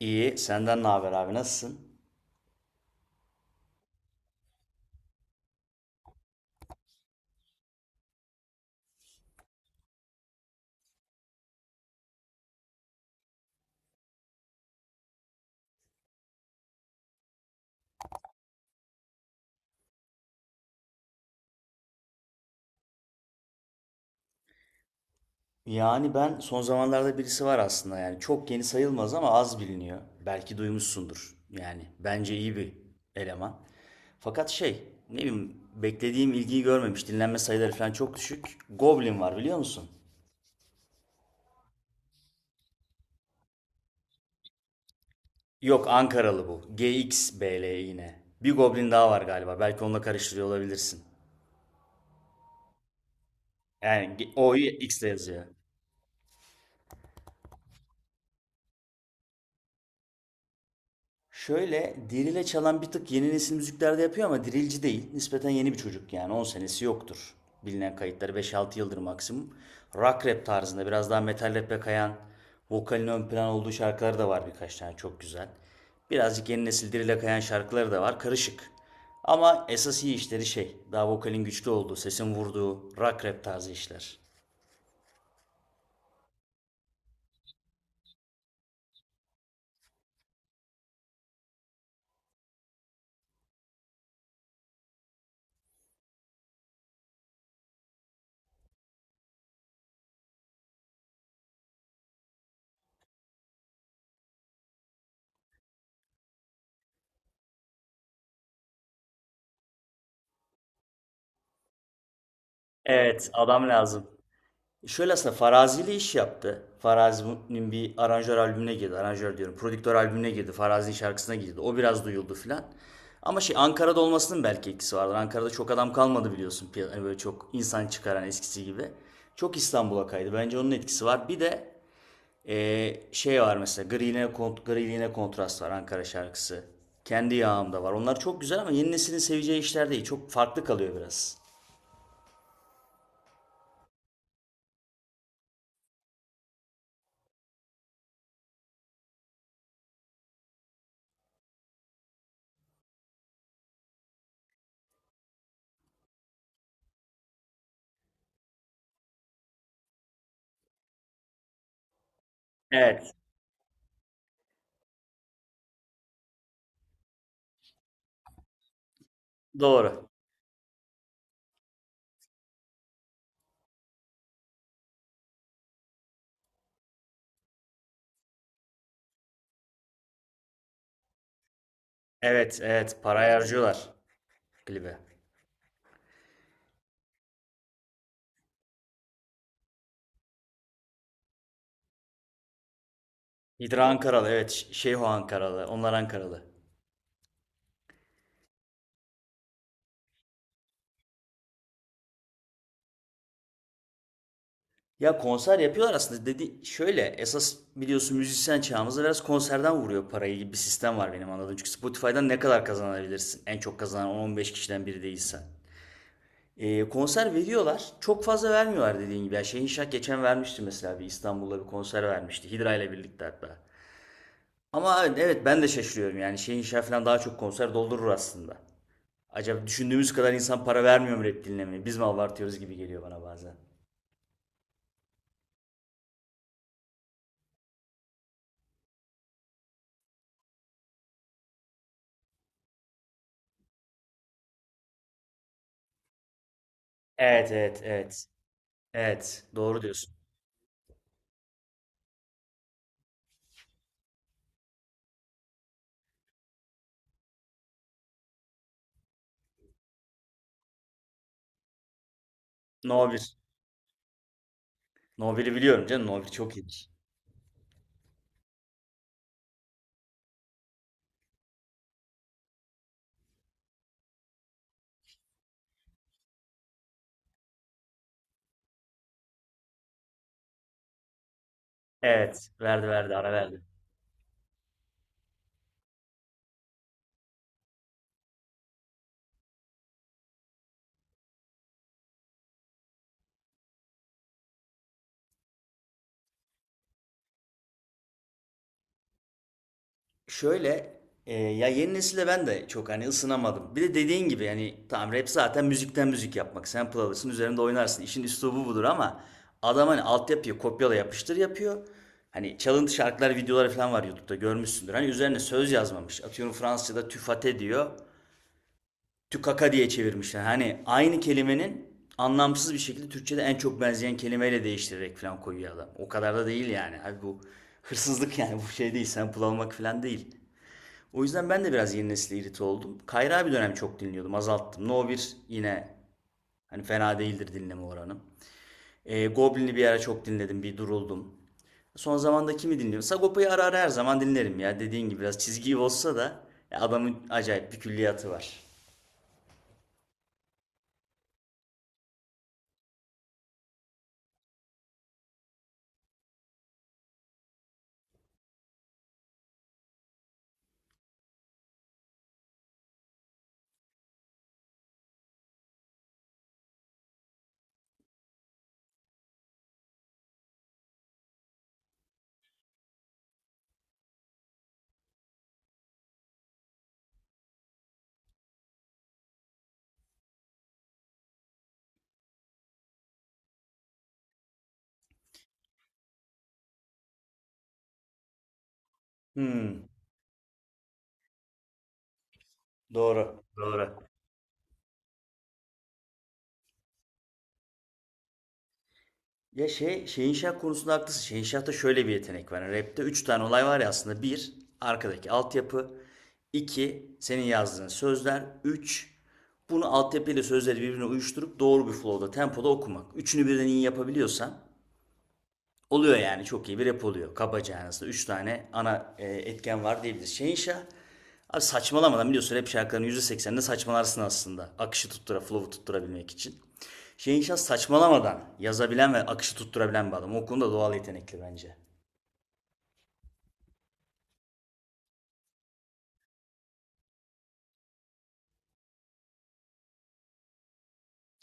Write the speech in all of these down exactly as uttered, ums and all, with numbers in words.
İyi, senden ne haber abi? Nasılsın? Yani ben son zamanlarda birisi var aslında yani çok yeni sayılmaz ama az biliniyor. Belki duymuşsundur. Yani bence iyi bir eleman. Fakat şey, ne bileyim beklediğim ilgiyi görmemiş. Dinlenme sayıları falan çok düşük. Goblin var biliyor musun? Yok Ankaralı bu. G X B G X B L yine. Bir Goblin daha var galiba. Belki onunla karıştırıyor olabilirsin. Yani G- O'yu X'le yazıyor. Şöyle Diril'e çalan bir tık yeni nesil müziklerde yapıyor ama Dirilci değil. Nispeten yeni bir çocuk yani on senesi yoktur. Bilinen kayıtları beş altı yıldır maksimum. Rock rap tarzında biraz daha metal rap'e kayan vokalin ön plan olduğu şarkıları da var birkaç tane çok güzel. Birazcık yeni nesil Diril'e kayan şarkıları da var karışık. Ama esas iyi işleri şey daha vokalin güçlü olduğu, sesin vurduğu rock rap tarzı işler. Evet adam lazım. Şöyle aslında Farazi iş yaptı. Farazi'nin bir aranjör albümüne girdi. Aranjör diyorum. Prodüktör albümüne girdi. Farazi'nin şarkısına girdi. O biraz duyuldu filan. Ama şey Ankara'da olmasının belki etkisi vardır. Ankara'da çok adam kalmadı biliyorsun. Piya- Hani böyle çok insan çıkaran eskisi gibi. Çok İstanbul'a kaydı. Bence onun etkisi var. Bir de eee, şey var mesela Griliğine, Kont- Griliğine Kontrast var Ankara şarkısı. Kendi Yağımda var. Onlar çok güzel ama yeni neslin seveceği işler değil. Çok farklı kalıyor biraz. Evet. Doğru. Evet, evet. Parayı harcıyorlar. Klibe. Hidra Ankaralı evet. Ş- Şeyho Ankaralı. Onlar Ankaralı. Ya konser yapıyorlar aslında. Dedi şöyle esas biliyorsun müzisyen çağımızda biraz konserden vuruyor parayı gibi bir sistem var benim anladığım. Çünkü Spotify'dan ne kadar kazanabilirsin? En çok kazanan on on beş kişiden biri değilsen. Ee, konser veriyorlar. Çok fazla vermiyorlar dediğin gibi. Yani Şehin Şah geçen vermişti mesela bir İstanbul'da bir konser vermişti. Hidra ile birlikte hatta. Ama evet, evet ben de şaşırıyorum yani Şehin Şah falan daha çok konser doldurur aslında. Acaba düşündüğümüz kadar insan para vermiyor mu rap dinlemeye? Biz mi abartıyoruz gibi geliyor bana bazen. Evet, evet, evet. Evet, doğru diyorsun. No bir. No biri biliyorum canım. No bir çok iyidir. Evet, verdi verdi, ara verdi. Şöyle, e, ya yeni nesile ben de çok hani ısınamadım. Bir de dediğin gibi yani tamam rap zaten müzikten müzik yapmak. Sample alırsın, üzerinde oynarsın. İşin üslubu budur ama adam hani altyapıyı kopyala yapıştır yapıyor. Hani çalıntı şarkılar, videoları falan var YouTube'da görmüşsündür. Hani üzerine söz yazmamış. Atıyorum Fransızca'da tüfate diyor. tükaka diye çevirmişler. Hani aynı kelimenin anlamsız bir şekilde Türkçe'de en çok benzeyen kelimeyle değiştirerek falan koyuyor adam. O kadar da değil yani. Abi bu hırsızlık yani bu şey değil. Sample almak falan değil. O yüzden ben de biraz yeni nesile irite oldum. Kayra bir dönem çok dinliyordum. Azalttım. No bir yine hani fena değildir dinleme oranım. E, Goblin'i bir ara çok dinledim. Bir duruldum. Son zamanda kimi dinliyorum? Sagopa'yı ara ara her zaman dinlerim ya. Dediğin gibi biraz çizgi olsa da adamın acayip bir külliyatı var. Hmm. Doğru. Doğru. Ya şey, Şehinşah konusunda haklısın. Şehinşah'ta şöyle bir yetenek var. Yani rapte üç tane olay var ya aslında. Bir, arkadaki altyapı. İki, senin yazdığın sözler. Üç, bunu altyapıyla sözleri birbirine uyuşturup doğru bir flow'da, tempoda okumak. Üçünü birden iyi yapabiliyorsan Oluyor yani çok iyi bir rap oluyor. Kabaca yani aslında üç tane ana e, etken var diyebiliriz. Şehinşah abi saçmalamadan biliyorsun rap şarkılarının yüzde sekseninde saçmalarsın aslında. Akışı tuttura, flow'u tutturabilmek için. Şehinşah saçmalamadan yazabilen ve akışı tutturabilen bir adam. O konuda doğal yetenekli bence.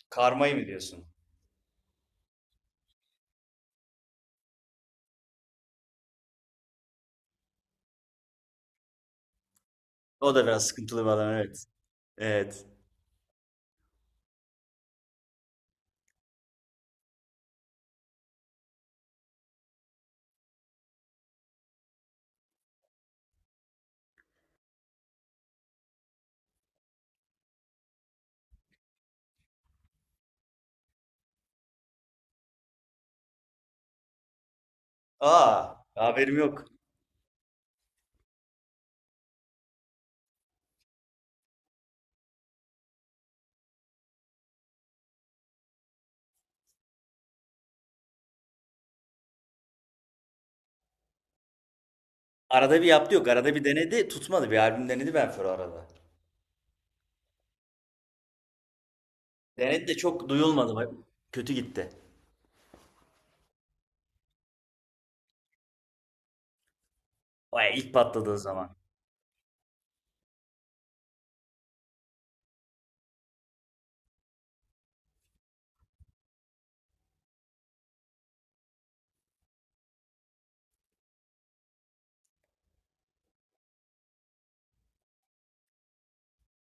Karmayı mı diyorsun? O da biraz sıkıntılı bir adam evet. Evet. Aa haberim yok. Arada bir yaptı yok. Arada bir denedi tutmadı. Bir albüm denedi Benfero arada. Denedi de çok duyulmadı. Bak, Kötü gitti. Vay ilk patladığı zaman.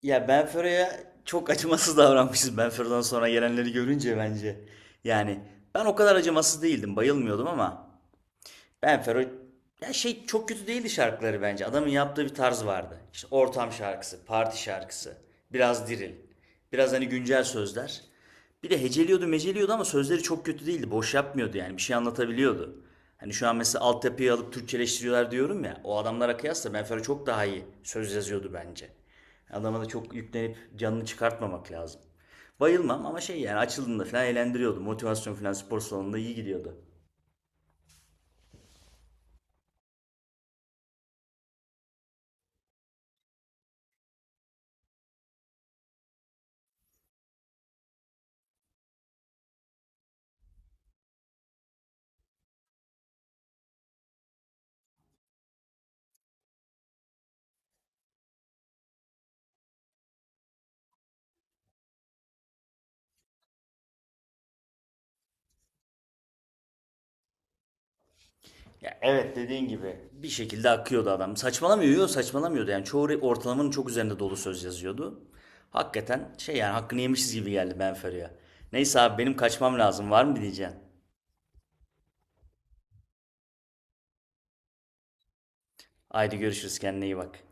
Ya Benfero'ya çok acımasız davranmışız Benfero'dan sonra gelenleri görünce bence. Yani ben o kadar acımasız değildim, bayılmıyordum ama. Ben Fero ya şey çok kötü değildi şarkıları bence. Adamın yaptığı bir tarz vardı. İşte ortam şarkısı, parti şarkısı, biraz diril, biraz hani güncel sözler. Bir de heceliyordu, meceliyordu ama sözleri çok kötü değildi. Boş yapmıyordu yani. Bir şey anlatabiliyordu. Hani şu an mesela altyapıyı alıp Türkçeleştiriyorlar diyorum ya. O adamlara kıyasla Ben Fero çok daha iyi söz yazıyordu bence. Adama da çok yüklenip canını çıkartmamak lazım. Bayılmam ama şey yani açıldığında falan eğlendiriyordu. Motivasyon falan spor salonunda iyi gidiyordu. Ya, Evet dediğin gibi, bir şekilde akıyordu adam. Saçmalamıyor, yok saçmalamıyordu. Yani çoğu re- ortalamanın çok üzerinde dolu söz yazıyordu. Hakikaten şey yani hakkını yemişiz gibi geldi Ben Ferio'ya. Neyse abi benim kaçmam lazım. Var mı bir diyeceğin? Haydi görüşürüz kendine iyi bak.